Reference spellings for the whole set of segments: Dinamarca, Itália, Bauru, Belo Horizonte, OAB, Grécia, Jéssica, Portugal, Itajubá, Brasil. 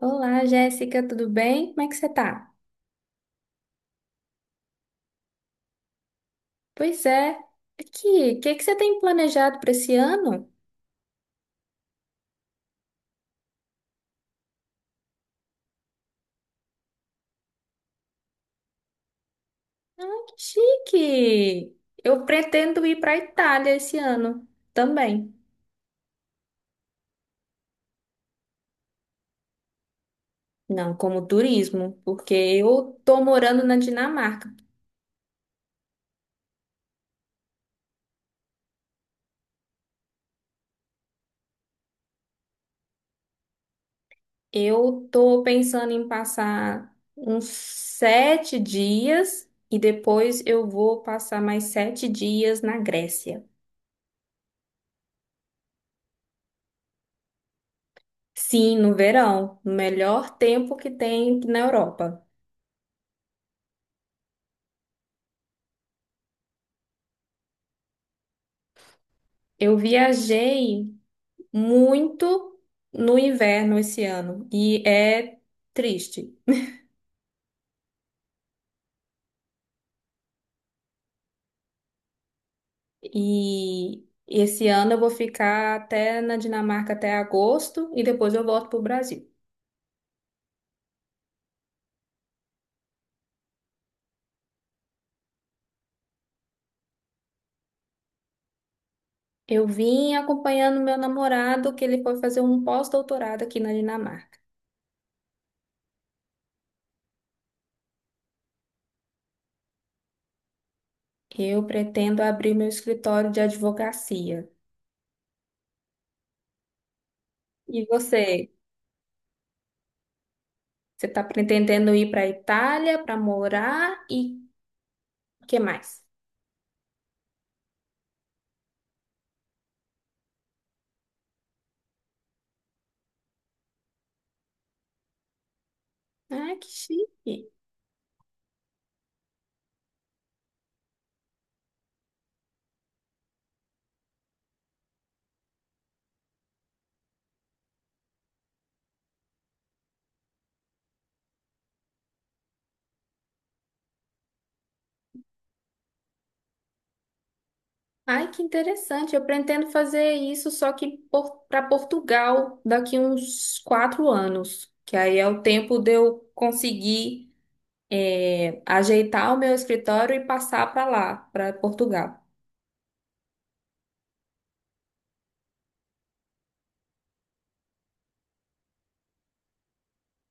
Olá, Jéssica, tudo bem? Como é que você tá? Pois é. Aqui, o que que você tem planejado para esse ano? Ah, que chique! Eu pretendo ir para a Itália esse ano também. Não, como turismo, porque eu tô morando na Dinamarca. Eu tô pensando em passar uns 7 dias e depois eu vou passar mais 7 dias na Grécia. Sim, no verão, no melhor tempo que tem na Europa. Eu viajei muito no inverno esse ano e é triste. E esse ano eu vou ficar até na Dinamarca até agosto e depois eu volto para o Brasil. Eu vim acompanhando meu namorado, que ele foi fazer um pós-doutorado aqui na Dinamarca. Eu pretendo abrir meu escritório de advocacia. E você? Você está pretendendo ir para a Itália para morar e o que mais? Ah, que chique! Ai, que interessante. Eu pretendo fazer isso só que para Portugal daqui uns 4 anos, que aí é o tempo de eu conseguir ajeitar o meu escritório e passar para lá, para Portugal.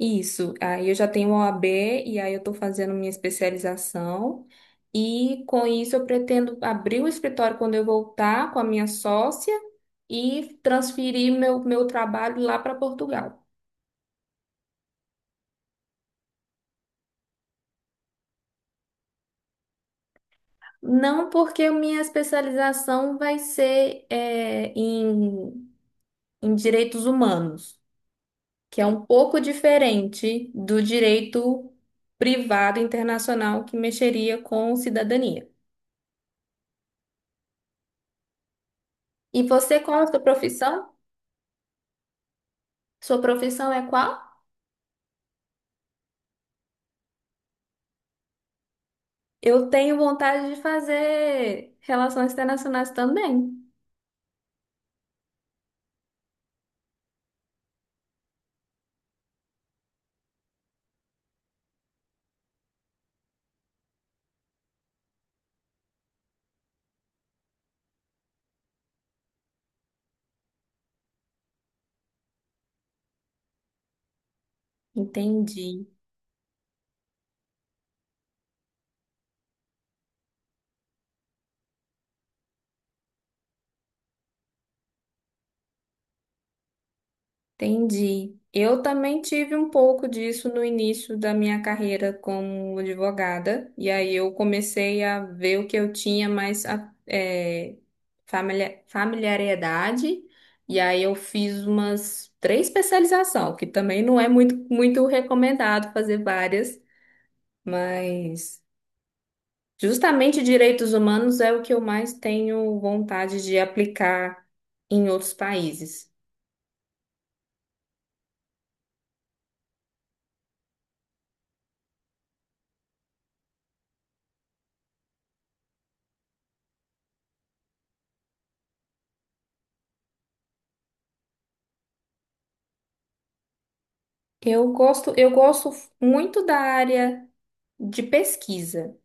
Isso. Aí eu já tenho uma OAB e aí eu estou fazendo minha especialização. E com isso eu pretendo abrir o escritório quando eu voltar com a minha sócia e transferir meu trabalho lá para Portugal. Não, porque minha especialização vai ser em direitos humanos, que é um pouco diferente do direito privado internacional que mexeria com cidadania. E você, qual a sua profissão? Sua profissão é qual? Eu tenho vontade de fazer relações internacionais também. Entendi. Entendi. Eu também tive um pouco disso no início da minha carreira como advogada, e aí eu comecei a ver o que eu tinha mais familia- familiaridade, e aí eu fiz umas 3 especializações, que também não é muito recomendado fazer várias, mas justamente direitos humanos é o que eu mais tenho vontade de aplicar em outros países. Eu gosto muito da área de pesquisa,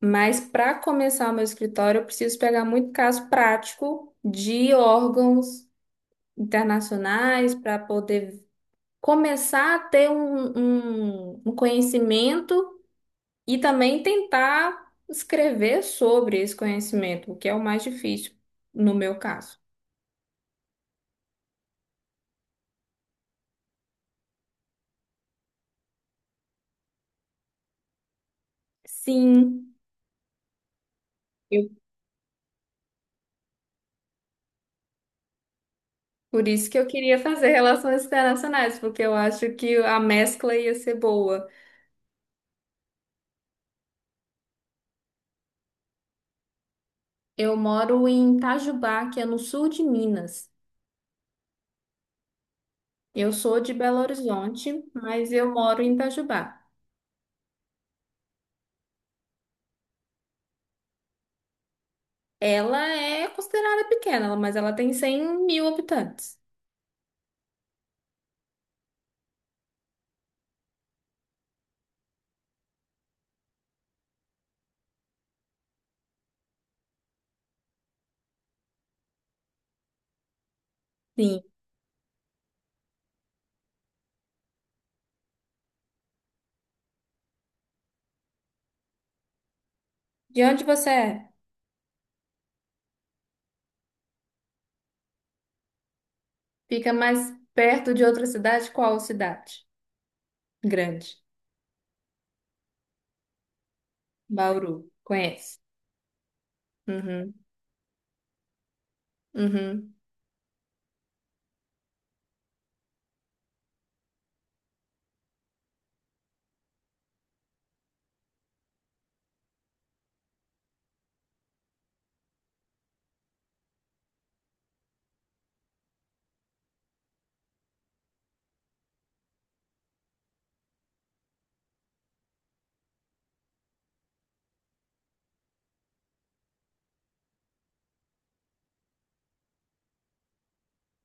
mas para começar o meu escritório, eu preciso pegar muito caso prático de órgãos internacionais para poder começar a ter um conhecimento e também tentar escrever sobre esse conhecimento, o que é o mais difícil no meu caso. Sim. eu Por isso que eu queria fazer relações internacionais, porque eu acho que a mescla ia ser boa. Eu moro em Itajubá, que é no sul de Minas. Eu sou de Belo Horizonte, mas eu moro em Itajubá. Ela é considerada pequena, mas ela tem 100 mil habitantes. Sim. De onde você é? Fica mais perto de outra cidade? Qual cidade? Grande. Bauru. Conhece? Uhum. Uhum.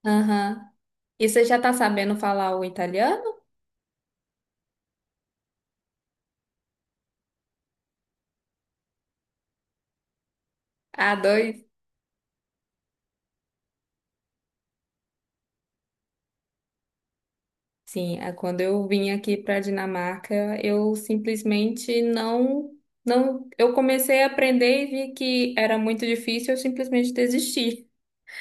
Aham. E você já tá sabendo falar o italiano? A2. Sim, quando eu vim aqui para a Dinamarca, eu simplesmente não, não, eu comecei a aprender e vi que era muito difícil, eu simplesmente desisti.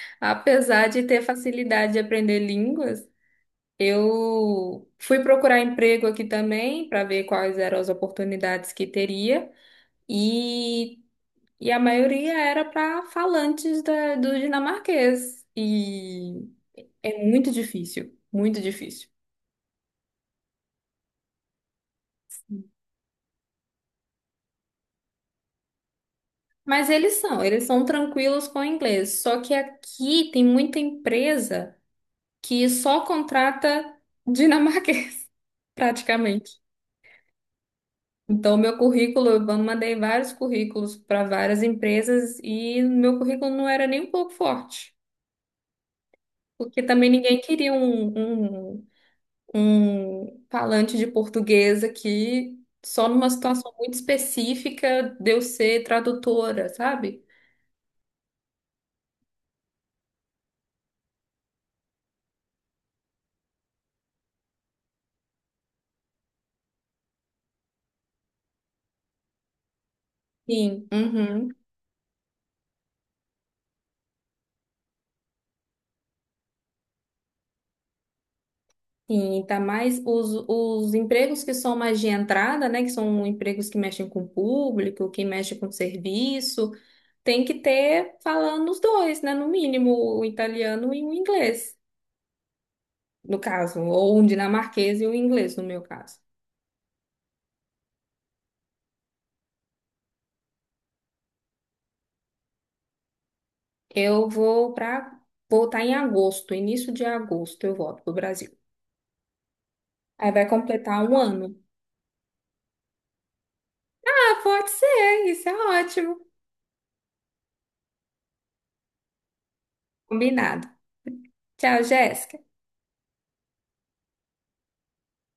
Apesar de ter facilidade de aprender línguas, eu fui procurar emprego aqui também para ver quais eram as oportunidades que teria e, e a maioria era para falantes do dinamarquês e é muito difícil, muito difícil. Mas eles são tranquilos com o inglês. Só que aqui tem muita empresa que só contrata dinamarquês, praticamente. Então, meu currículo, eu mandei vários currículos para várias empresas e meu currículo não era nem um pouco forte, porque também ninguém queria um falante de português aqui, só numa situação muito específica de eu ser tradutora, sabe? Sim. Uhum. Sim, tá mais os empregos que são mais de entrada, né, que são empregos que mexem com o público, que mexem com o serviço, tem que ter falando os dois, né, no mínimo, o italiano e o inglês, no caso, ou um dinamarquês e o inglês, no meu caso. Eu vou para Voltar em agosto, início de agosto eu volto pro Brasil. Aí vai completar um ano. Ah, pode ser, isso é ótimo. Combinado. Tchau, Jéssica.